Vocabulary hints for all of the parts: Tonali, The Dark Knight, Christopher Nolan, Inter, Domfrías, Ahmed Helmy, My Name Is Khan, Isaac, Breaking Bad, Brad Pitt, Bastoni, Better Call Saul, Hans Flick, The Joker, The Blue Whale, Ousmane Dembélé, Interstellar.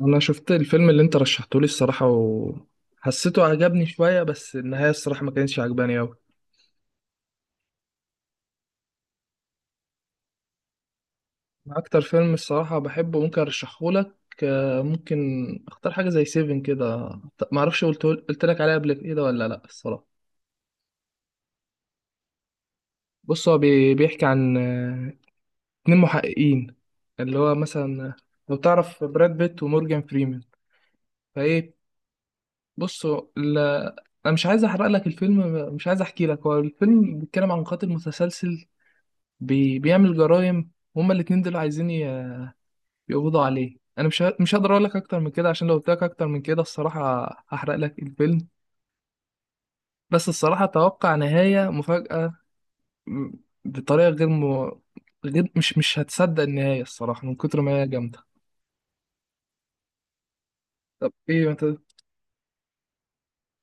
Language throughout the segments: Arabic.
انا شفت الفيلم اللي انت رشحته لي الصراحه وحسيته عجبني شويه، بس النهايه الصراحه ما كانتش عجباني قوي. اكتر فيلم الصراحه بحبه ممكن ارشحه لك. آه، ممكن. اختار حاجه زي سيفن كده. ما اعرفش قلت لك عليها قبل كده ولا لا الصراحه. بص، هو بيحكي عن اتنين محققين، اللي هو مثلا، لو تعرف براد بيت ومورجان فريمان. فايه. بص، هو انا مش عايز احرق لك الفيلم، مش عايز احكي لك، هو الفيلم بيتكلم عن قاتل متسلسل. بيعمل جرائم. هما الاتنين دول عايزين يقبضوا عليه، انا مش هقدر اقول لك اكتر من كده، عشان لو قلت لك اكتر من كده الصراحه هحرق لك الفيلم. بس الصراحه اتوقع نهايه مفاجاه. م- بطريقه غير غير، مش هتصدق النهايه الصراحه من كتر ما هي جامده. طب ايه، ما انت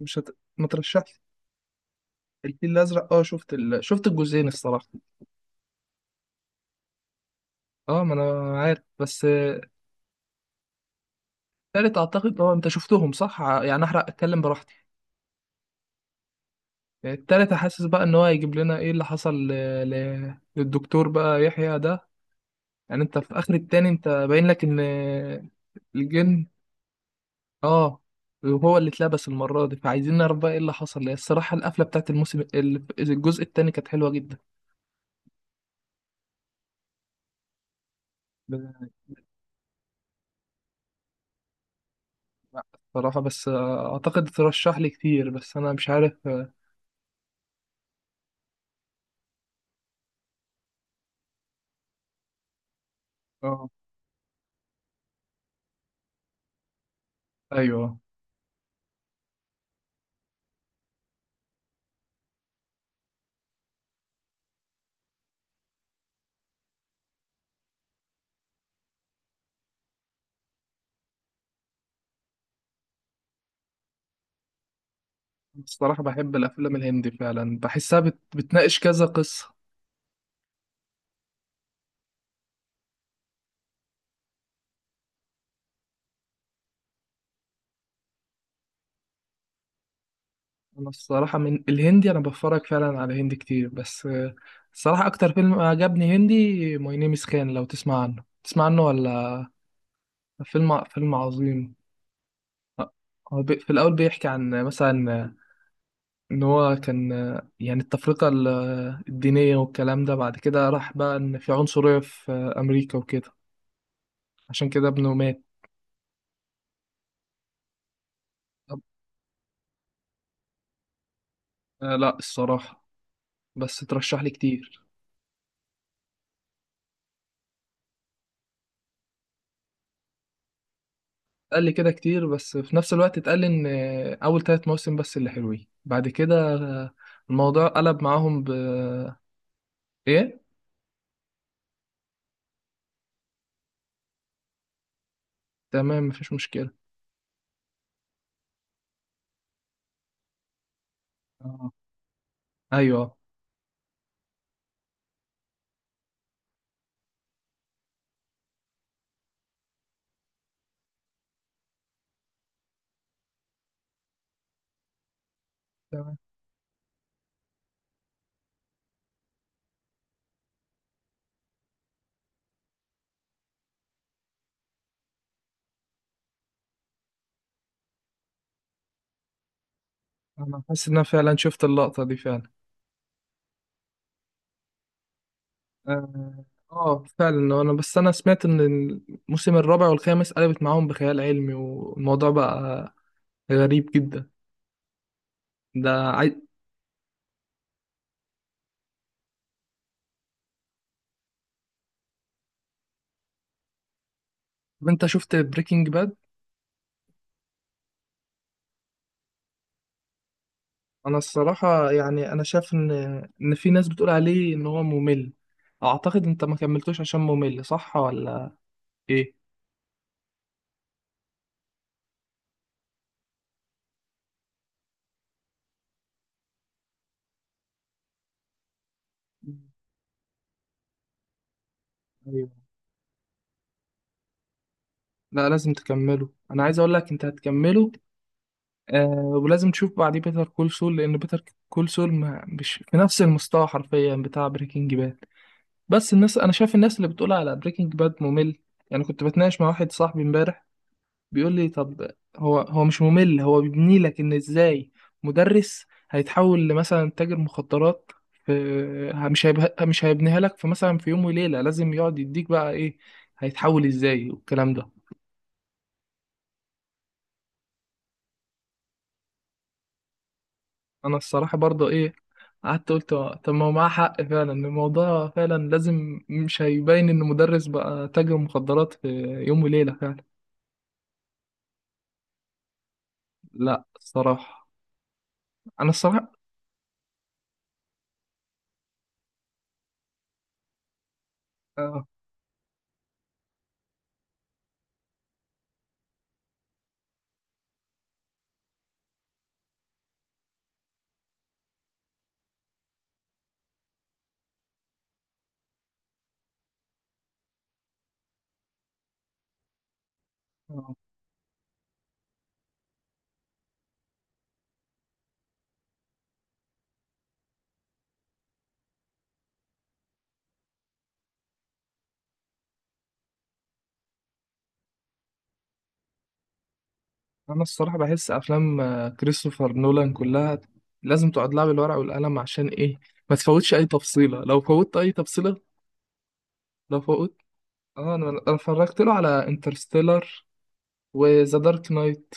مش هت... ما ترشحش. الفيل الازرق، اه، شفت الجزئين الصراحه. اه، ما انا عارف، بس تالت اعتقد، اه، انت شفتهم صح، يعني احرق، اتكلم براحتي. التالتة حاسس بقى ان هو هيجيب لنا ايه اللي حصل للدكتور بقى يحيى ده. يعني انت في اخر التاني، انت باين لك ان الجن، اه، هو اللي اتلبس المرة دي، فعايزين نعرف بقى ايه اللي حصل. هي الصراحة القفلة بتاعت الموسم الجزء التاني كانت حلوة جدا. بصراحة، بس اعتقد ترشح لي كتير، بس انا مش عارف. اه، ايوه، الصراحة بحب الافلام الهندي فعلا، بحسها بتناقش كذا قصة. انا الصراحه من الهندي، انا بتفرج فعلا على هندي كتير، بس الصراحه اكتر فيلم عجبني هندي ماي نيم از خان، لو تسمع عنه تسمع عنه ولا؟ فيلم عظيم. آه، هو في الاول بيحكي عن مثلا ان هو كان يعني التفرقه الدينيه والكلام ده، بعد كده راح بقى ان في عنصريه في امريكا وكده. عشان كده ابنه مات. طب، لا الصراحه. بس ترشح لي كتير. قال لي كده كتير، بس في نفس الوقت اتقال لي ان اول ثلاث مواسم بس اللي حلوين، بعد كده الموضوع قلب معاهم ب... ايه. تمام، مفيش مشكلة. اه، ايوه، تمام. انا حاسس ان انا فعلا شفت اللقطة دي فعلا. اه. فعلا، انا بس، انا سمعت ان الموسم الرابع والخامس قلبت معاهم بخيال علمي، والموضوع بقى غريب جدا. ده عاي... طب، انت شفت بريكنج باد؟ انا الصراحه يعني انا شايف ان في ناس بتقول عليه ان هو ممل. اعتقد انت ما كملتوش عشان ممل، صح ولا؟ ايه. مم. ايوه. لا، لازم تكمله، انا عايز اقول لك انت هتكمله. آه. ولازم تشوف بعديه بيتر كول سول، لان بيتر كول سول مش في نفس المستوى حرفيا بتاع بريكنج باد. بس الناس، انا شايف الناس اللي بتقول على بريكنج باد ممل، يعني كنت بتناقش مع واحد صاحبي امبارح، بيقول لي، طب، هو مش ممل، هو بيبني لك ان ازاي مدرس هيتحول لمثلا تاجر مخدرات في. مش هيبنيها لك في، مثلا، في يوم وليلة، لازم يقعد يديك بقى ايه، هيتحول ازاي والكلام ده. انا الصراحة برضه ايه، قعدت قلت، طب، ما هو معاه حق فعلا، الموضوع فعلا لازم، مش هيبين ان مدرس بقى تاجر مخدرات في يوم وليلة فعلا. لا الصراحة. انا الصراحة. آه. آه. انا الصراحه بحس افلام كريستوفر نولان كلها لازم تقعد لها بالورق والقلم، عشان ايه؟ ما تفوتش اي تفصيله، لو فوتت اي تفصيله، لو فوت. اه، أنا اتفرجت له على انترستيلر وذا دارك نايت.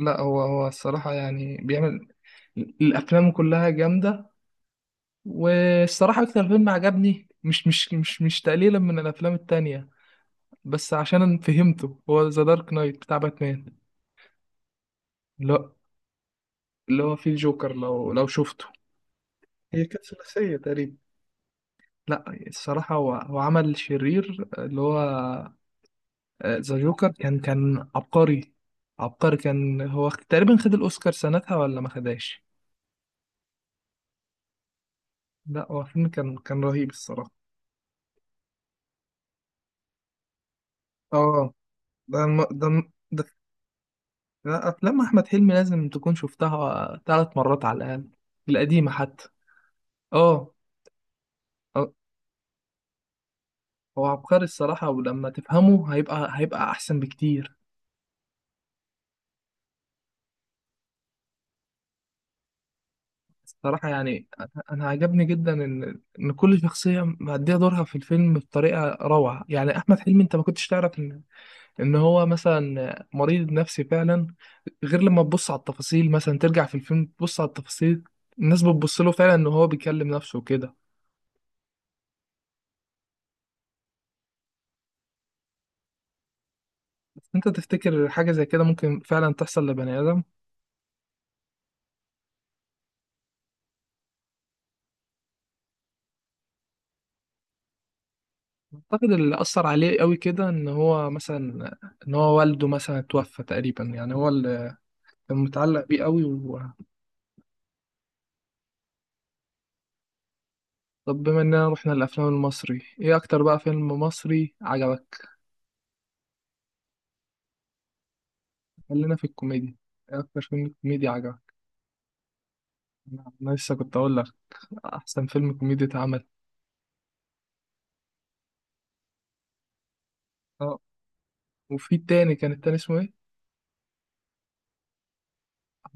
لا، هو الصراحه يعني بيعمل الافلام كلها جامده. والصراحه اكتر فيلم عجبني، مش تقليلا من الافلام التانية، بس عشان أنا فهمته، هو ذا دارك نايت بتاع باتمان. لا، اللي هو فيه الجوكر، لو شفته. هي كانت ثلاثية تقريبا. لا الصراحة، هو عمل شرير، اللي هو ذا جوكر كان عبقري. عبقري، كان هو تقريبا خد الأوسكار سنتها ولا ما خداش؟ لا، هو فيلم كان رهيب الصراحة. اه. ده. لا، أفلام أحمد حلمي لازم تكون شفتها ثلاث مرات على الأقل، القديمة حتى. اه. آه، هو عبقري الصراحة، ولما تفهمه هيبقى أحسن بكتير. الصراحة يعني، أنا عجبني جدا إن كل شخصية مأدية دورها في الفيلم بطريقة روعة، يعني أحمد حلمي، أنت ما كنتش تعرف إن إن هو مثلا مريض نفسي فعلا، غير لما تبص على التفاصيل، مثلا ترجع في الفيلم تبص على التفاصيل، الناس بتبص له فعلا إن هو بيكلم نفسه وكده. أنت تفتكر حاجة زي كده ممكن فعلا تحصل لبني آدم؟ أعتقد اللي أثر عليه قوي كده، إن هو مثلا إن هو والده مثلا توفى تقريبا، يعني هو اللي كان متعلق بيه قوي. طب بما اننا رحنا للافلام المصري، ايه اكتر بقى فيلم مصري عجبك؟ خلينا في الكوميديا. ايه اكتر فيلم كوميدي عجبك؟ أنا لسه كنت اقول لك، احسن فيلم كوميدي اتعمل. اه. وفي التاني، كان التاني اسمه ايه؟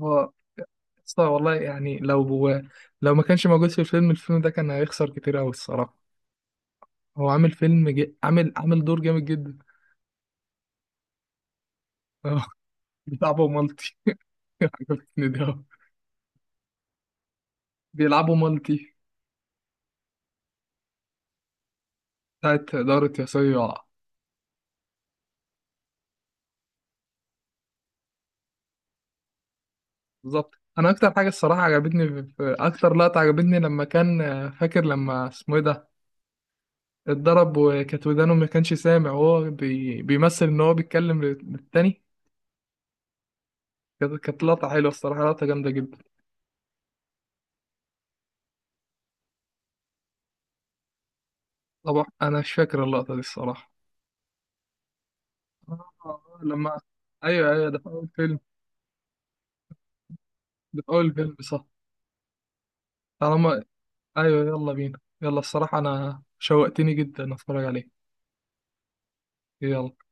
هو أصلا والله، يعني لو هو لو ما كانش موجود في الفيلم، الفيلم ده كان هيخسر كتير قوي الصراحه. هو عامل دور جامد جدا. اه. بيلعبوا مالتي. عجبتني ده. بيلعبوا مالتي. بتاعت دارة يا صيع. بالظبط، انا اكتر حاجه الصراحه عجبتني اكتر لقطه عجبتني، لما كان، فاكر لما اسمه ايه ده، اتضرب وكانت ودانه ما كانش سامع، وهو بيمثل ان هو بيتكلم للتاني. كانت لقطه حلوه الصراحه، لقطه جامده جدا. طبعا انا مش فاكر اللقطه دي الصراحه. لما ايوه، ايوه، ده في اول فيلم، ده في اول فيلم، صح؟ طالما ايوه، يلا بينا، يلا، الصراحه انا شوقتني جدا اتفرج عليه. يلا.